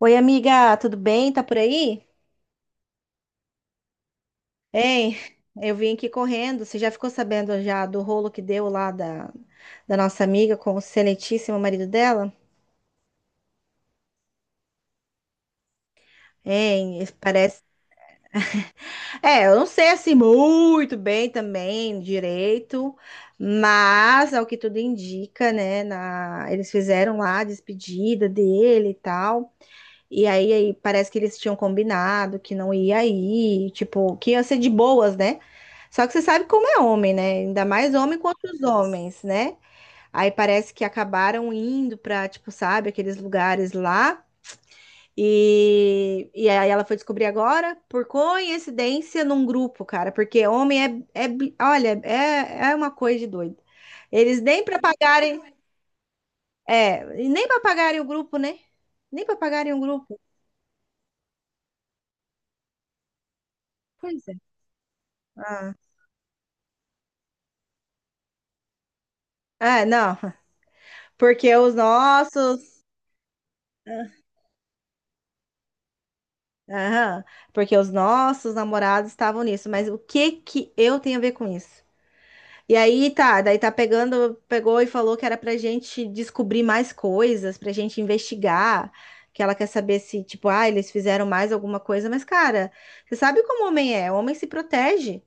Oi, amiga, tudo bem? Tá por aí? Ei, eu vim aqui correndo. Você já ficou sabendo já do rolo que deu lá da nossa amiga com o excelentíssimo marido dela? Hein, parece. É, eu não sei assim muito bem também direito, mas ao que tudo indica, né? Eles fizeram lá a despedida dele e tal. E aí, parece que eles tinham combinado que não ia ir, tipo, que ia ser de boas, né? Só que você sabe como é homem, né? Ainda mais homem contra os homens, né? Aí parece que acabaram indo pra, tipo, sabe, aqueles lugares lá. E aí ela foi descobrir agora, por coincidência, num grupo, cara. Porque homem olha, é uma coisa de doido. Eles nem pra pagarem, e nem pra pagarem o grupo, né? Nem pra pagarem o grupo. Pois é. Ah, é, não. Porque os nossos. Aham, porque os nossos namorados estavam nisso, mas o que que eu tenho a ver com isso? E aí pegou e falou que era pra gente descobrir mais coisas, pra gente investigar, que ela quer saber se, tipo, ah, eles fizeram mais alguma coisa, mas cara, você sabe como o homem é, o homem se protege.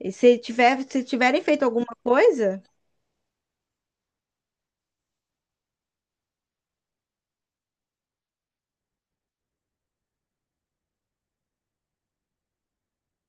E se tiverem feito alguma coisa,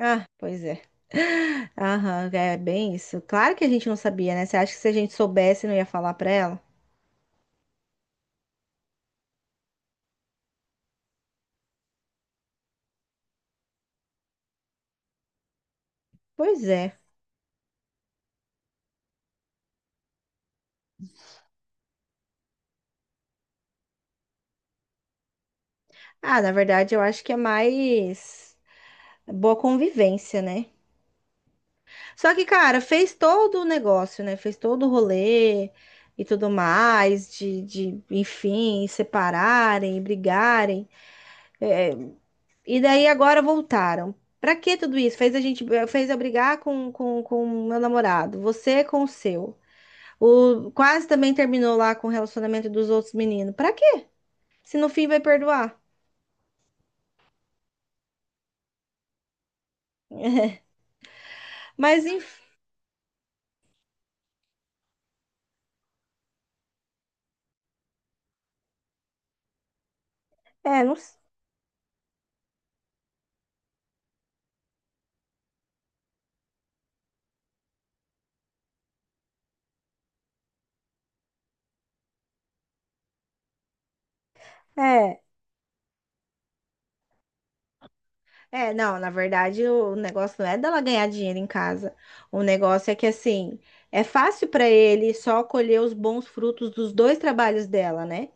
ah, pois é. Aham, é bem isso. Claro que a gente não sabia, né? Você acha que se a gente soubesse, não ia falar pra ela? Pois é. Ah, na verdade, eu acho que é mais boa convivência, né? Só que, cara, fez todo o negócio, né? Fez todo o rolê e tudo mais, de enfim, separarem, brigarem. E daí agora voltaram. Pra que tudo isso? Fez a gente, fez eu brigar com o meu namorado, você com o seu. Quase também terminou lá com o relacionamento dos outros meninos. Pra quê? Se no fim vai perdoar. Mas enfim, é, não, é. É, não, na verdade o negócio não é dela ganhar dinheiro em casa. O negócio é que assim, é fácil para ele só colher os bons frutos dos dois trabalhos dela, né?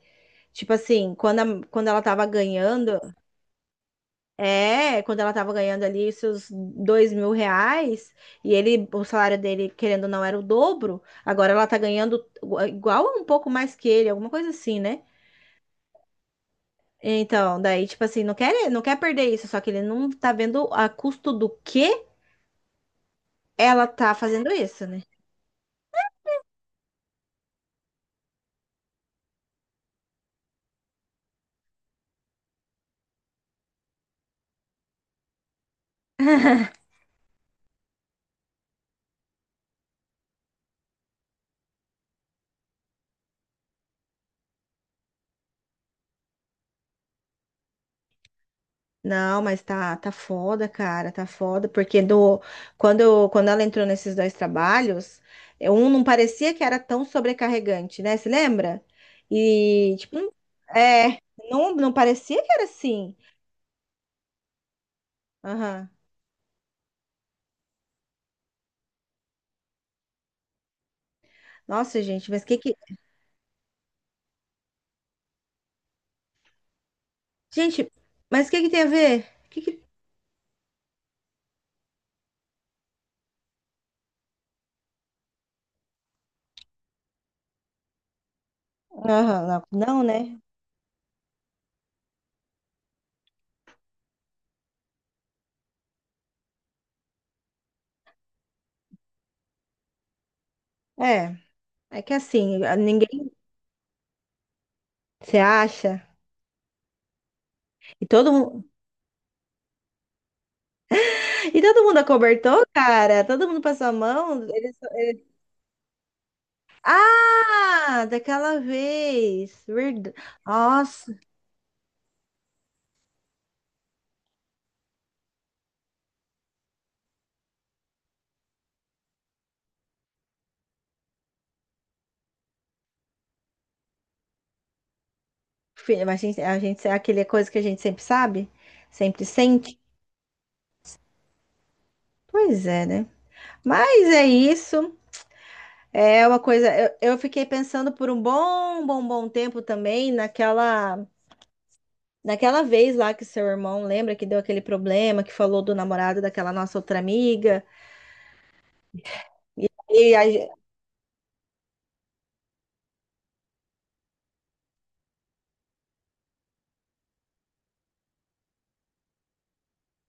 Tipo assim, quando ela tava ganhando, quando ela tava ganhando ali seus R$ 2.000, e ele, o salário dele, querendo ou não, era o dobro, agora ela tá ganhando igual ou um pouco mais que ele, alguma coisa assim, né? Então, daí, tipo assim, não quer perder isso, só que ele não tá vendo a custo do quê? Ela tá fazendo isso, né? Não, mas tá foda, cara, tá foda, porque quando ela entrou nesses dois trabalhos, um não parecia que era tão sobrecarregante, né? Se lembra? E, tipo, é, não, não parecia que era assim. Aham. Nossa, gente, mas que que. Gente, mas que tem a ver? Que... Aham, não, não, né? É, é que assim, ninguém se acha. E todo mundo, e todo mundo acobertou, cara. Todo mundo passou a mão. Ah, daquela vez. Verdade. Nossa, filha, mas a gente, é aquele é coisa que a gente sempre sabe, sempre sente. Pois é, né? Mas é isso. É uma coisa. Eu fiquei pensando por um bom, bom, bom tempo também naquela, naquela vez lá que seu irmão lembra que deu aquele problema, que falou do namorado daquela nossa outra amiga. E, e a ge-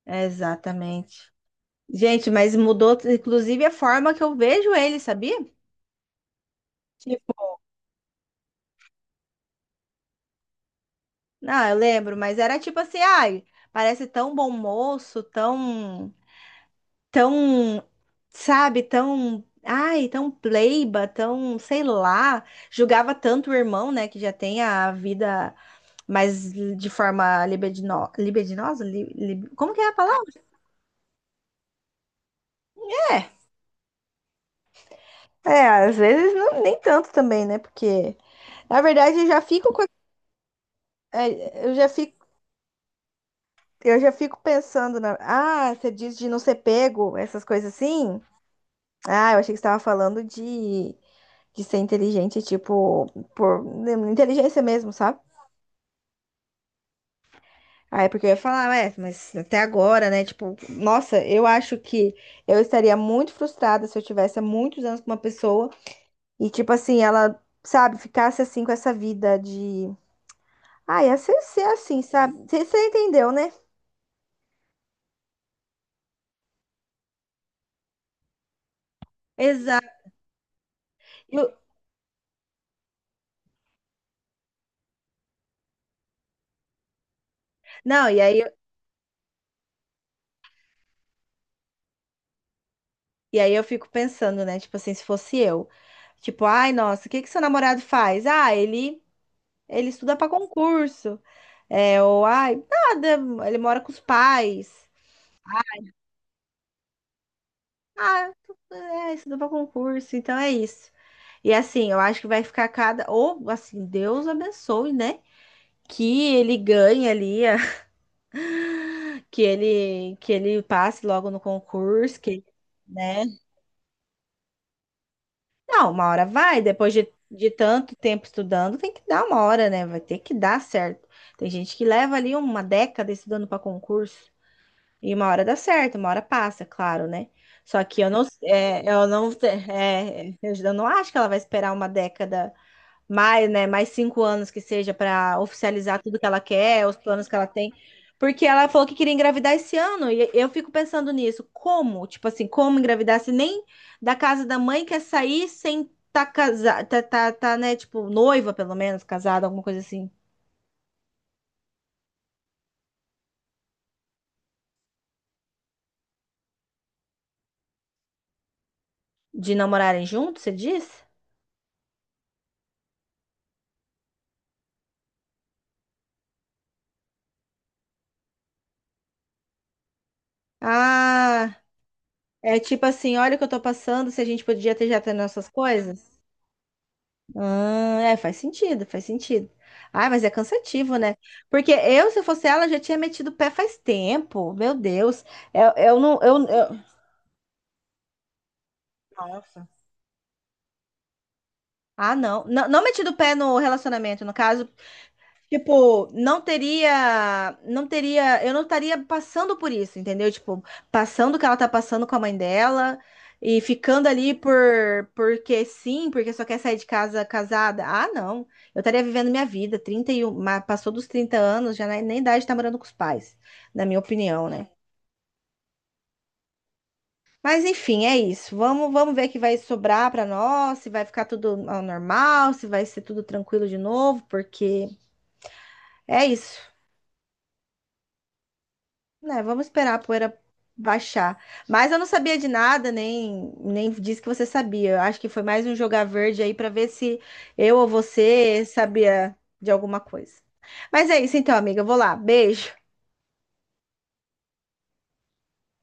Exatamente. Gente, mas mudou, inclusive, a forma que eu vejo ele, sabia? Não, eu lembro, mas era tipo assim, ai, parece tão bom moço, tão, tão, sabe, tão, ai, tão pleiba, tão, sei lá, julgava tanto o irmão, né, que já tem a vida mais de forma libidinosa, como que é a palavra? É, é, às vezes não, nem tanto também, né? Porque, na verdade, eu já fico com, a- é, eu já fico, eu já fico pensando na, ah, você diz de não ser pego, essas coisas assim. Ah, eu achei que você estava falando de ser inteligente, tipo, por inteligência mesmo, sabe? Ah, é porque eu ia falar, ué, mas até agora, né? Tipo, nossa, eu acho que eu estaria muito frustrada se eu tivesse há muitos anos com uma pessoa e, tipo assim, ela, sabe, ficasse assim com essa vida de. Ah, ia ser assim, sabe? Você entendeu, né? Exato. Eu- Não, e aí, e aí eu fico pensando, né? Tipo assim, se fosse eu. Tipo, ai, nossa, o que que seu namorado faz? Ele estuda para concurso. É, ou ai, nada, ele mora com os pais. Ah, é, estuda para concurso, então é isso. E assim, eu acho que vai ficar cada. Ou assim, Deus abençoe, né? Que ele ganhe ali, que ele passe logo no concurso, que, né? Não, uma hora vai, depois de tanto tempo estudando, tem que dar uma hora, né? Vai ter que dar certo. Tem gente que leva ali uma década estudando para concurso. E uma hora dá certo, uma hora passa, claro, né? Só que eu não acho que ela vai esperar uma década mais, né? Mais 5 anos que seja para oficializar tudo que ela quer, os planos que ela tem. Porque ela falou que queria engravidar esse ano, e eu fico pensando nisso. Como? Tipo assim, como engravidar se nem da casa da mãe quer sair sem tá casada, tá, tá, tá, né? Tipo, noiva, pelo menos, casada, alguma coisa assim. De namorarem juntos, você diz? Ah. É tipo assim, olha o que eu tô passando, se a gente podia ter já ter nossas coisas. Ah, é, faz sentido, faz sentido. Ah, mas é cansativo, né? Porque eu, se fosse ela, já tinha metido o pé faz tempo. Meu Deus. Eu não. Nossa. Ah, não. Não, não metido o pé no relacionamento, no caso. Tipo, não teria, não teria, eu não estaria passando por isso, entendeu? Tipo, passando o que ela tá passando com a mãe dela e ficando ali porque sim, porque só quer sair de casa casada. Ah, não. Eu estaria vivendo minha vida, 31, passou dos 30 anos, já nem idade tá morando com os pais, na minha opinião, né? Mas enfim, é isso. Vamos ver o que vai sobrar pra nós, se vai ficar tudo ao normal, se vai ser tudo tranquilo de novo, porque é isso. Né, vamos esperar a poeira baixar. Mas eu não sabia de nada, nem disse que você sabia. Eu acho que foi mais um jogar verde aí para ver se eu ou você sabia de alguma coisa. Mas é isso então, amiga. Eu vou lá. Beijo.